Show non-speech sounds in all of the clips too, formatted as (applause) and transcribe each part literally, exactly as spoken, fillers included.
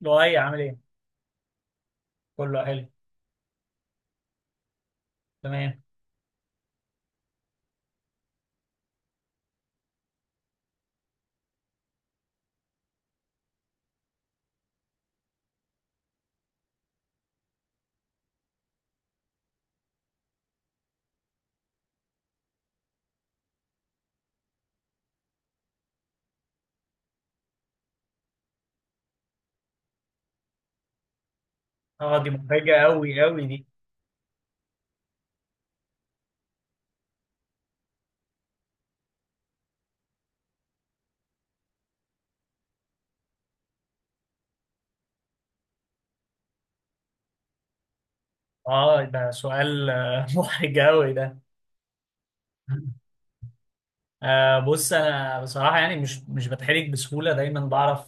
لؤي عامل ايه؟ كله حلو. تمام. اه، دي محرجة قوي قوي دي. اه ده سؤال آه، (laughs) محرج قوي ده. آه بص انا بصراحة يعني مش مش بتحرج بسهولة، دايما بعرف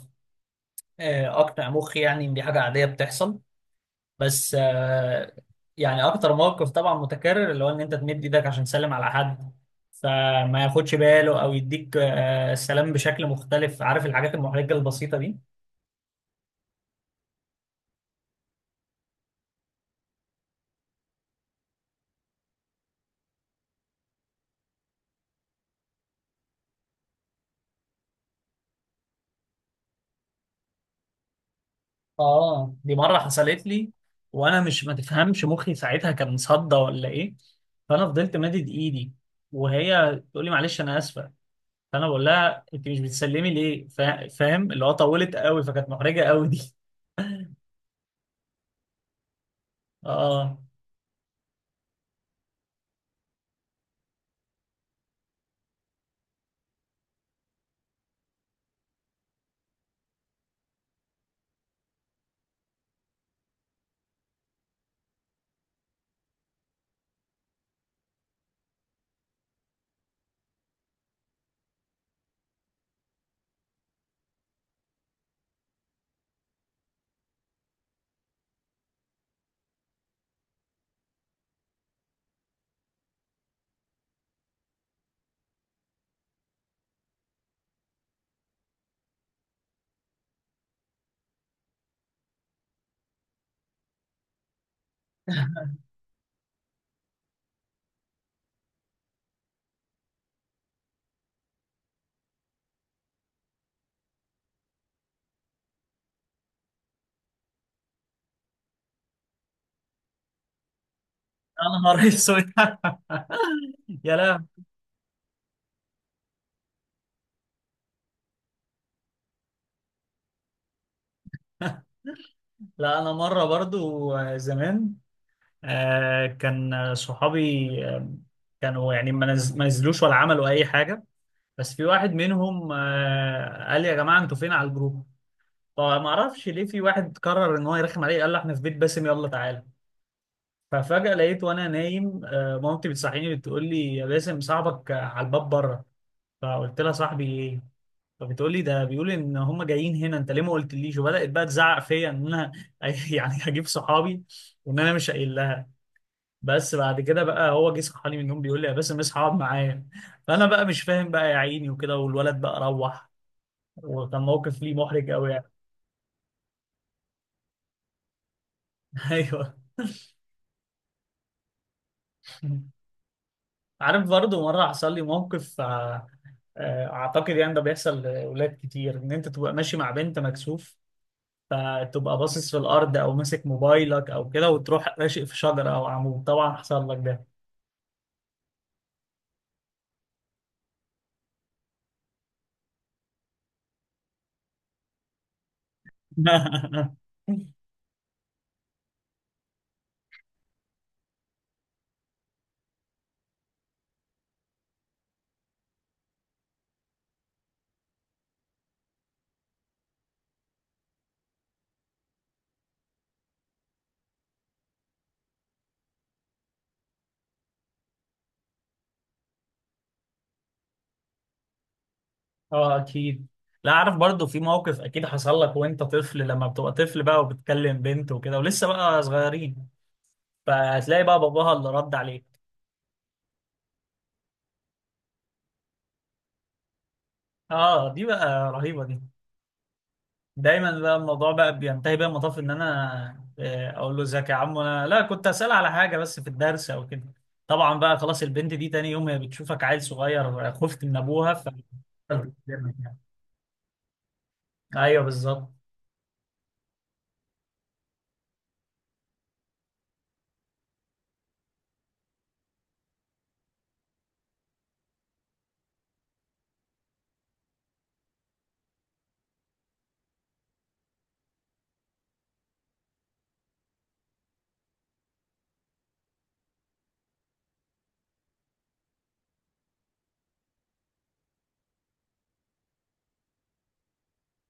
آه اقنع مخي يعني ان دي حاجة عادية بتحصل. بس آه يعني اكتر موقف طبعا متكرر اللي هو ان انت تمد ايدك عشان تسلم على حد، فما ياخدش باله او يديك آه السلام بشكل مختلف. عارف الحاجات المحرجة البسيطة دي. اه دي مره حصلت لي، وانا مش، ما تفهمش مخي ساعتها كان مصدى ولا ايه. فانا فضلت مادد ايدي وهي تقول لي معلش انا اسفه. فانا بقول لها انت مش بتسلمي ليه؟ فا- فاهم اللي هو طولت قوي، فكانت محرجه قوي دي. (laughs) اه. انا مره (laughs) اسود. يا لا. لا انا مره برضو آه، زمان آه، كان آه، صحابي آه، كانوا يعني ما نز- ما نزلوش ولا عملوا اي حاجه، بس في واحد منهم آه، قال لي يا جماعه انتوا فين على الجروب. فما اعرفش ليه في واحد قرر ان هو يرخم عليه، قال له احنا في بيت باسم، يلا تعالى. ففجأة لقيت وانا نايم آه، مامتي بتصحيني بتقول لي يا باسم، صاحبك آه، على الباب بره. فقلت لها صاحبي ايه؟ فبتقول لي ده بيقول ان هم جايين هنا، انت ليه ما قلتليش، وبدأت بقى تزعق فيا ان انا (laughs) يعني هجيب صحابي وان انا مش قايل لها. بس بعد كده بقى هو جه صحاني من النوم بيقول لي يا باسم اصحى اقعد معايا. فانا بقى مش فاهم بقى يا عيني وكده، والولد بقى روح. وكان موقف ليه محرج قوي يعني. (laughs) ايوه. عارف برضه مرة حصل لي موقف آه، آه، أعتقد يعني ده بيحصل لأولاد كتير إن أنت تبقى ماشي مع بنت مكسوف، فتبقى باصص في الأرض أو ماسك موبايلك أو كده، وتروح راشق في شجرة أو عمود. طبعا حصل لك ده. (laughs) اه اكيد. لا عارف برضو في موقف اكيد حصل لك وانت طفل، لما بتبقى طفل بقى وبتكلم بنت وكده ولسه بقى صغيرين، فهتلاقي بقى باباها اللي رد عليك. اه دي بقى رهيبة. دايما بقى الموضوع بقى بينتهي بقى المطاف ان انا آه، اقول له ازيك يا عم، انا لا كنت اسال على حاجه بس في الدرس او كده. طبعا بقى خلاص، البنت دي تاني يوم هي بتشوفك عيل صغير خفت من ابوها ف. (laughs) ايوه بالظبط.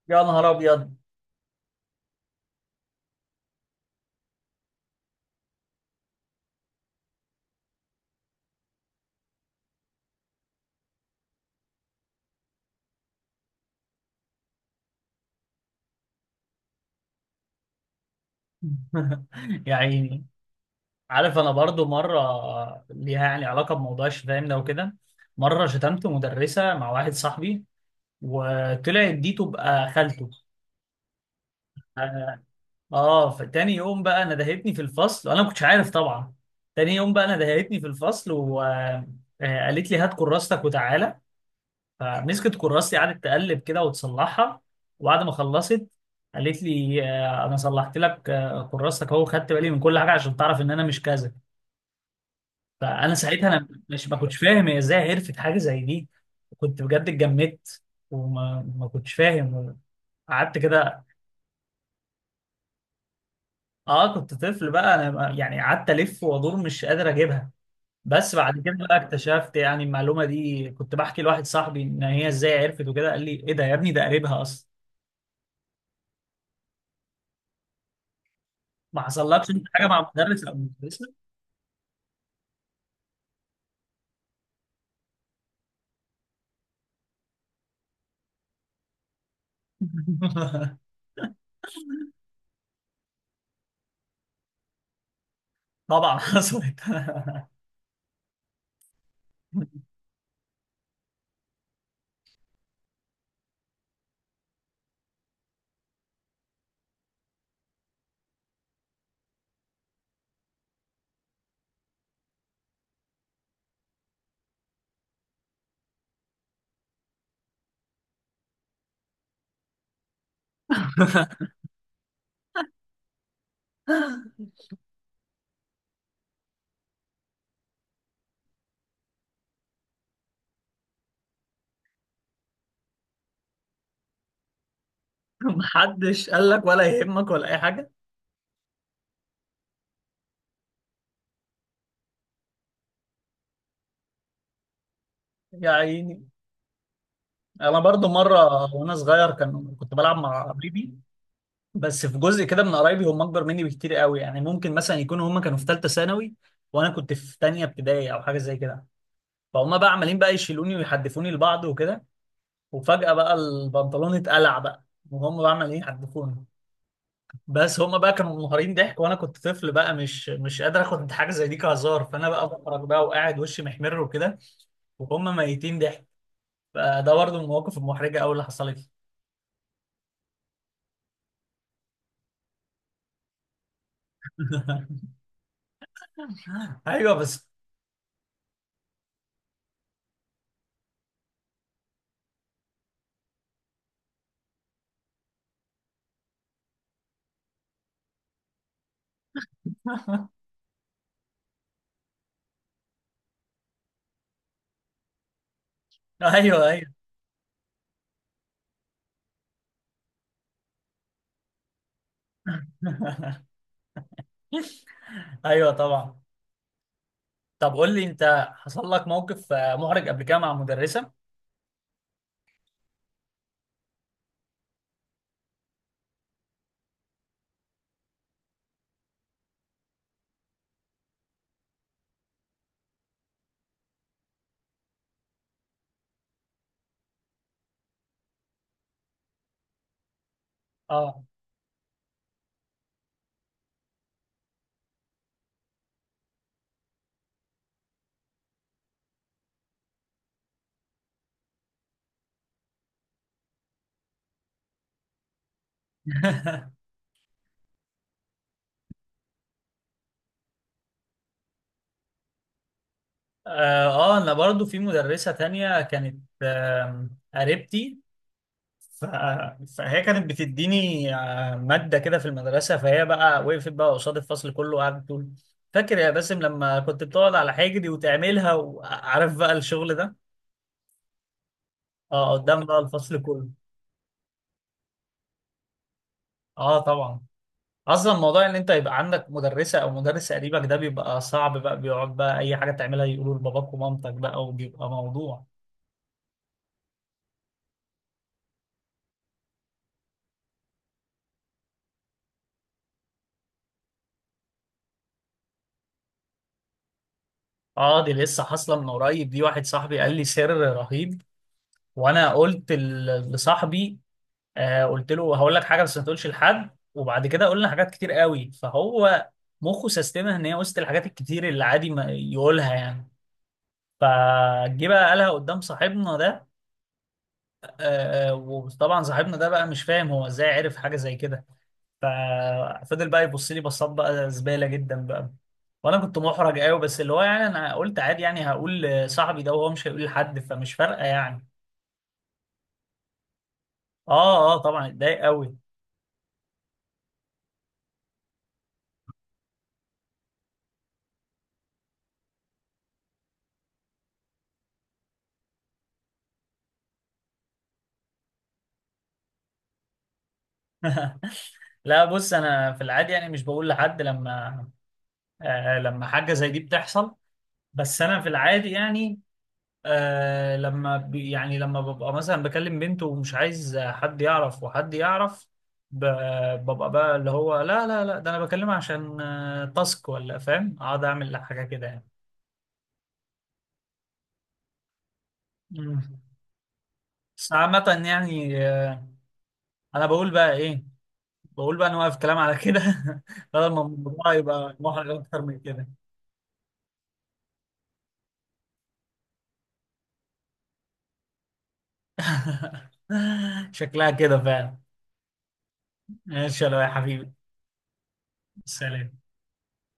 يا نهار ابيض. (laughs) يا عيني. عارف انا برضو مره ليها يعني علاقه بموضوع الشتايم ده وكده. مره شتمت مدرسه مع واحد صاحبي، وطلعت دي تبقى خالته. اه فتاني يوم بقى انا دهيتني في الفصل وانا ما كنتش عارف طبعا. تاني يوم بقى انا دهيتني في الفصل وقالت لي هات كراستك وتعالى. فمسكت كراستي قعدت تقلب كده وتصلحها. وبعد ما خلصت قالت لي آه، انا صلحت لك آه، كراستك اهو، خدت بالي من كل حاجه عشان تعرف ان انا مش كذا. فانا ساعتها انا مش، ما كنتش فاهم هي ازاي عرفت حاجه زي دي. كنت بجد اتجمدت وما ما كنتش فاهم، قعدت كده. اه كنت طفل بقى انا يعني، قعدت الف وادور مش قادر اجيبها. بس بعد كده بقى اكتشفت يعني المعلومه دي، كنت بحكي لواحد صاحبي ان هي ازاي عرفت وكده، قال لي ايه ده يا ابني، ده قريبها اصلا. ما حصلكش انت حاجه مع المدرس او المدرسه؟ (laughs) طبعا حصلت. (laughs) محدش قال لك ولا يهمك ولا اي حاجه. يا عيني. انا برضو مره وانا صغير كان، كنت بلعب مع قرايبي، بس في جزء كده من قرايبي هم اكبر مني بكتير قوي، يعني ممكن مثلا يكونوا هم كانوا في ثالثه ثانوي وانا كنت في ثانيه ابتدائي او حاجه زي كده. فهم بقى عمالين بقى يشيلوني ويحدفوني لبعض وكده، وفجأة بقى البنطلون اتقلع بقى، وهم بقى عمالين يحدفوني. بس هم بقى كانوا منهارين ضحك، وانا كنت طفل بقى مش مش قادر اخد حاجه زي دي كهزار. فانا بقى بخرج بقى وقاعد وشي محمر وكده وهم ميتين ضحك. فده برضه من المواقف المحرجه قوي اللي حصلت لي. (laughs) ايوه بس. ايوه ايوه. ايوه طبعا. طب قول لي انت حصل لك موقف آه، محرج قبل كده مع مدرسه؟ اه. (laughs) اه آه، انا برضو في مدرسة تانية كانت آم، قريبتي. ف- فهي كانت بتديني آه، مادة كده في المدرسة. فهي بقى وقفت بقى قصاد الفصل كله وقعدت تقول فاكر يا باسم لما كنت بتقعد على حجري وتعملها، وعارف بقى الشغل ده. اه قدام بقى الفصل كله. اه طبعا. اصلا موضوع ان انت يبقى عندك مدرسة او مدرس قريبك ده بيبقى صعب بقى، بيقعد بقى اي حاجة تعملها يقولوا لباباك ومامتك بقى، وبيبقى موضوع. اه دي لسه حاصله من قريب دي، واحد صاحبي قال لي سر رهيب، وانا قلت ل- لصاحبي، آه قلت له هقول لك حاجه بس ما تقولش لحد. وبعد كده قلنا حاجات كتير قوي فهو مخه سيستمها ان هي وسط الحاجات الكتير اللي عادي ما يقولها يعني. فجه بقى قالها قدام صاحبنا ده. آه آه، وطبعا صاحبنا ده بقى مش فاهم هو ازاي عرف حاجه زي كده. ففضل بقى يبص لي بصات بقى زباله جدا بقى، وانا كنت محرج قوي، بس اللي هو يعني انا قلت عادي يعني هقول لصاحبي ده وهو مش هيقول لحد، فمش فارقه يعني. اه اه طبعا اتضايق قوي. (laughs) لا بص انا في العادي يعني مش بقول لحد لما آه لما حاجه زي دي بتحصل. بس انا في العادي يعني آه لما بي يعني لما ببقى مثلا بكلم بنت ومش عايز حد يعرف وحد يعرف، ب- ببقى بقى اللي هو لا لا لا ده انا بكلمها عشان آه، تاسك ولا، فاهم؟ اقعد اعمل حاجه كده يعني. مم. بس عامة يعني آه، انا بقول بقى ايه، بقول بقى نوقف كلام على كده. (laughs) بدل ما الموضوع يبقى محرج اكتر من كده. (laughs) شكلها كده فعلا. ماشي يا لؤي يا حبيبي. سلام.